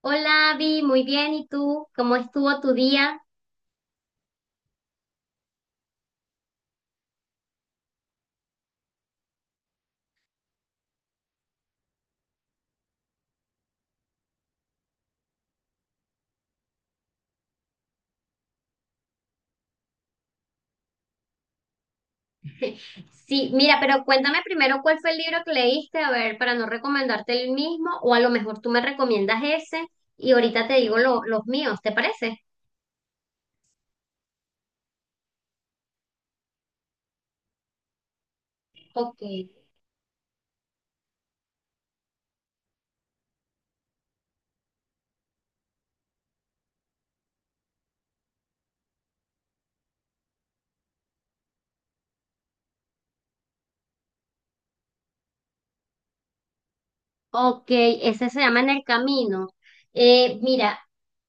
Hola, Vi, muy bien. ¿Y tú? ¿Cómo estuvo tu día? Sí, mira, pero cuéntame primero cuál fue el libro que leíste, a ver, para no recomendarte el mismo, o a lo mejor tú me recomiendas ese y ahorita te digo los míos, ¿te parece? Ok. Ok, Ese se llama En el Camino. Mira,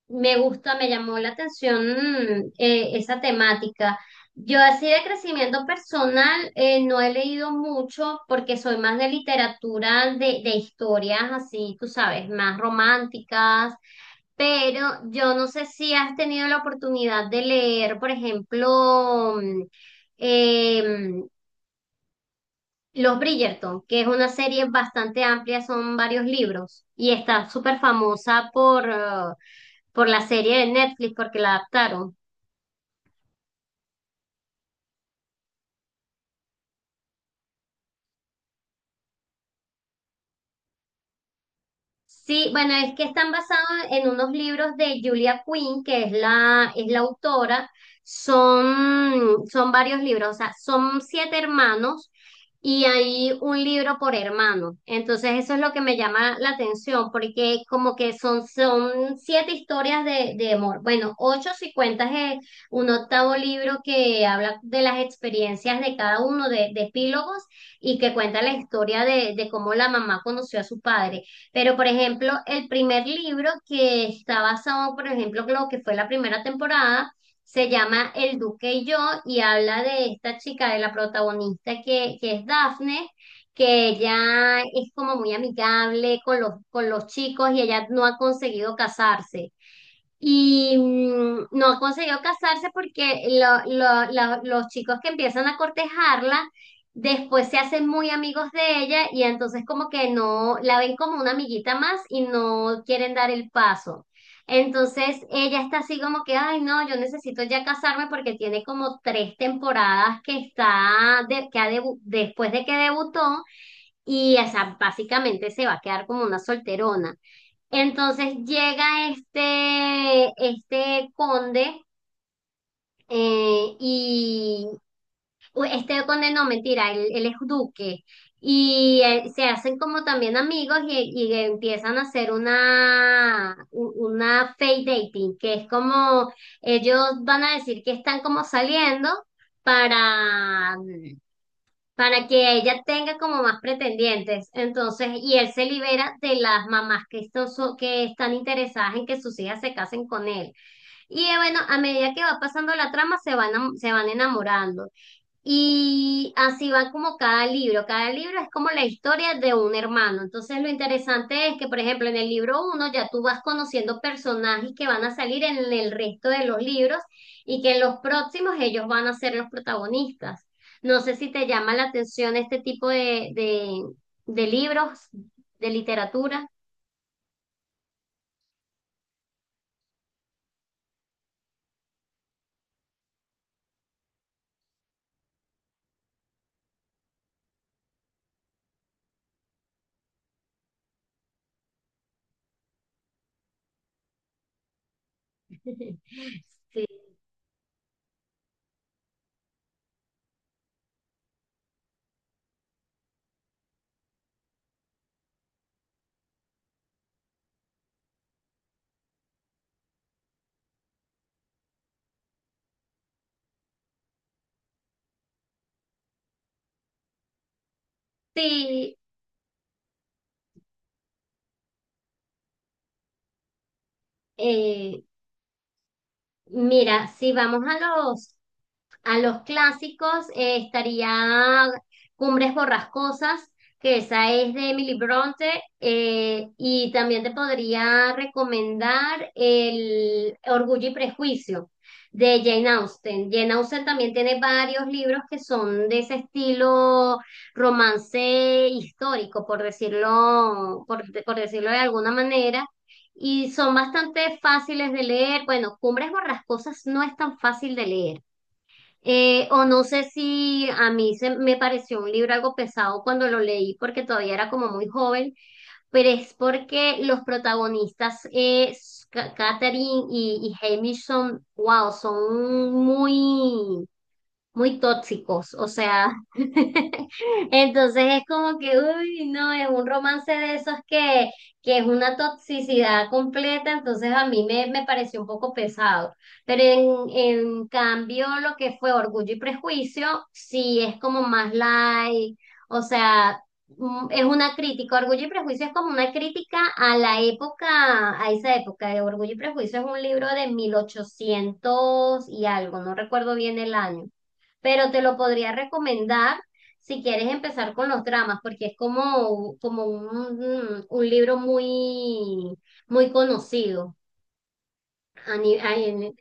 me gusta, me llamó la atención esa temática. Yo así de crecimiento personal no he leído mucho porque soy más de literatura, de historias así, tú sabes, más románticas, pero yo no sé si has tenido la oportunidad de leer, por ejemplo, em, los Bridgerton, que es una serie bastante amplia, son varios libros y está súper famosa por la serie de Netflix porque la adaptaron. Sí, bueno, es que están basados en unos libros de Julia Quinn, que es es la autora. Son varios libros, o sea, son siete hermanos y hay un libro por hermano. Entonces, eso es lo que me llama la atención, porque como que son siete historias de amor. Bueno, ocho si cuentas un octavo libro que habla de las experiencias de cada uno de epílogos y que cuenta la historia de cómo la mamá conoció a su padre. Pero, por ejemplo, el primer libro que está basado, por ejemplo, en lo que fue la primera temporada, se llama El Duque y yo y habla de esta chica, de la protagonista que es Daphne, que ella es como muy amigable con con los chicos y ella no ha conseguido casarse. Y no consiguió casarse porque los chicos que empiezan a cortejarla después se hacen muy amigos de ella y entonces como que no la ven como una amiguita más y no quieren dar el paso. Entonces ella está así como que, ay no, yo necesito ya casarme porque tiene como tres temporadas que está, que ha después de que debutó y o sea, básicamente se va a quedar como una solterona. Entonces llega este conde y este conde no, mentira, él es duque y se hacen como también amigos y empiezan a hacer una, una fake dating, que es como ellos van a decir que están como saliendo para para que ella tenga como más pretendientes. Entonces, y él se libera de las mamás que están, que están interesadas en que sus hijas se casen con él. Y bueno, a medida que va pasando la trama, se van, se van enamorando. Y así va como cada libro. Cada libro es como la historia de un hermano. Entonces lo interesante es que, por ejemplo, en el libro uno ya tú vas conociendo personajes que van a salir en el resto de los libros y que en los próximos ellos van a ser los protagonistas. No sé si te llama la atención este tipo de libros, de literatura. Sí, sí, eh, mira, si vamos a los a los clásicos estaría Cumbres Borrascosas, que esa es de Emily Bronte, y también te podría recomendar el Orgullo y Prejuicio de Jane Austen. Jane Austen también tiene varios libros que son de ese estilo romance histórico, por decirlo, por decirlo de alguna manera, y son bastante fáciles de leer. Bueno, Cumbres Borrascosas no es tan fácil de leer. O no sé si a mí me pareció un libro algo pesado cuando lo leí porque todavía era como muy joven, pero es porque los protagonistas, Catherine y Hamish, son, wow, son muy, muy tóxicos, o sea, entonces es como que, uy, no, es un romance de esos que es una toxicidad completa, entonces a mí me pareció un poco pesado, pero en cambio lo que fue Orgullo y Prejuicio, sí es como más light, o sea, es una crítica, Orgullo y Prejuicio es como una crítica a la época, a esa época, de Orgullo y Prejuicio es un libro de 1800 y algo, no recuerdo bien el año pero te lo podría recomendar si quieres empezar con los dramas, porque es como, como un libro muy, muy conocido a ni- a- en-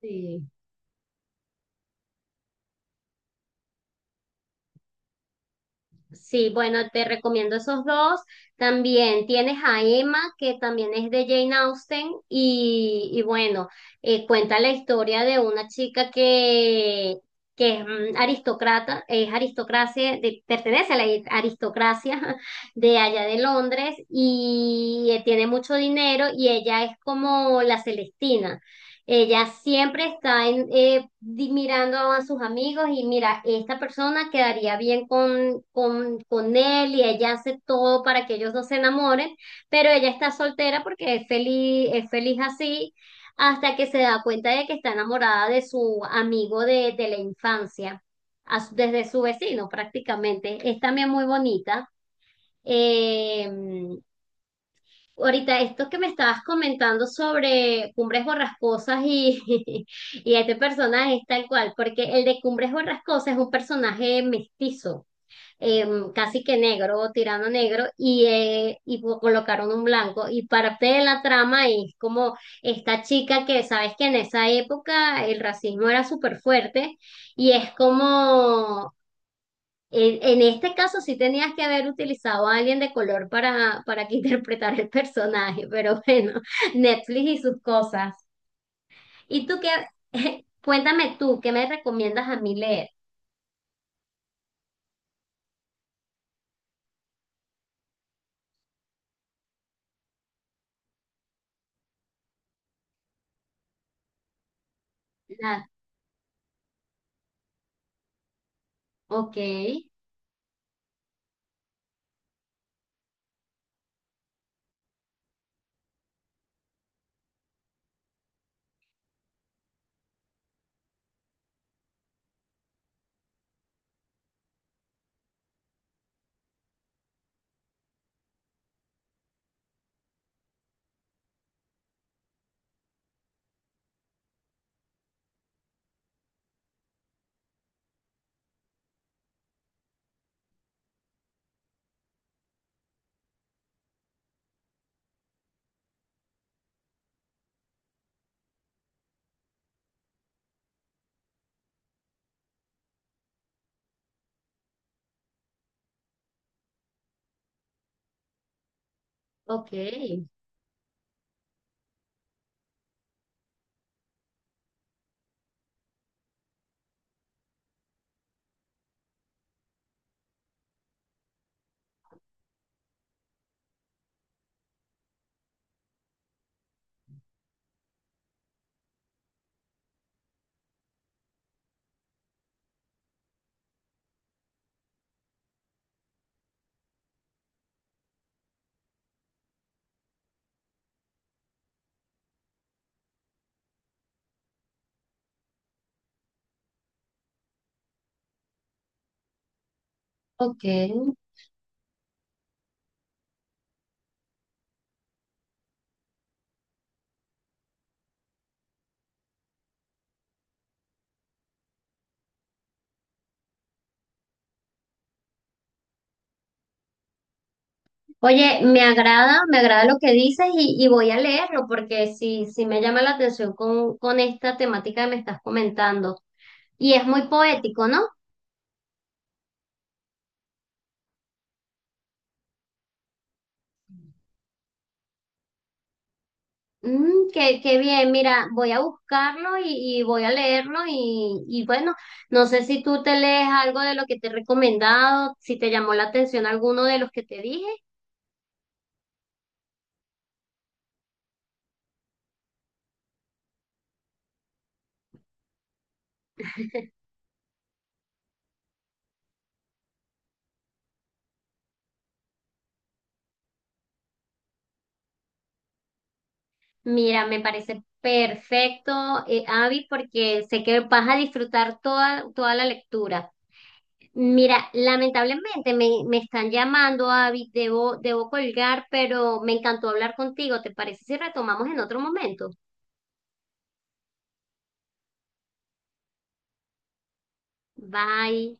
sí. Sí, bueno, te recomiendo esos dos. También tienes a Emma, que también es de Jane Austen, y bueno, cuenta la historia de una chica que es aristócrata, es aristocracia, pertenece a la aristocracia de allá de Londres, y tiene mucho dinero, y ella es como la Celestina. Ella siempre está en, mirando a sus amigos y mira, esta persona quedaría bien con él y ella hace todo para que ellos dos se enamoren, pero ella está soltera porque es feliz así hasta que se da cuenta de que está enamorada de su amigo de la infancia, desde su vecino prácticamente. Es también muy bonita. Em, Ahorita, esto que me estabas comentando sobre Cumbres Borrascosas y, y este personaje es tal cual, porque el de Cumbres Borrascosas es un personaje mestizo, eh, casi que negro, tirando a negro, y colocaron un blanco. Y parte de la trama es como esta chica que, sabes que en esa época el racismo era súper fuerte, y es como en este caso sí tenías que haber utilizado a alguien de color para que interpretara el personaje, pero bueno, Netflix y sus cosas. ¿Y tú qué? Cuéntame tú, ¿qué me recomiendas a mí leer? La- ok, ok, ok. Oye, me agrada lo que dices y voy a leerlo porque sí, sí me llama la atención con esta temática que me estás comentando. Y es muy poético, ¿no? Mm, qué, qué bien, mira, voy a buscarlo y voy a leerlo y bueno, no sé si tú te lees algo de lo que te he recomendado, si te llamó la atención alguno de los que te dije. Mira, me parece perfecto, Abby, porque sé que vas a disfrutar toda, toda la lectura. Mira, lamentablemente me están llamando, Abby, debo, debo colgar, pero me encantó hablar contigo. ¿Te parece si retomamos en otro momento? Bye.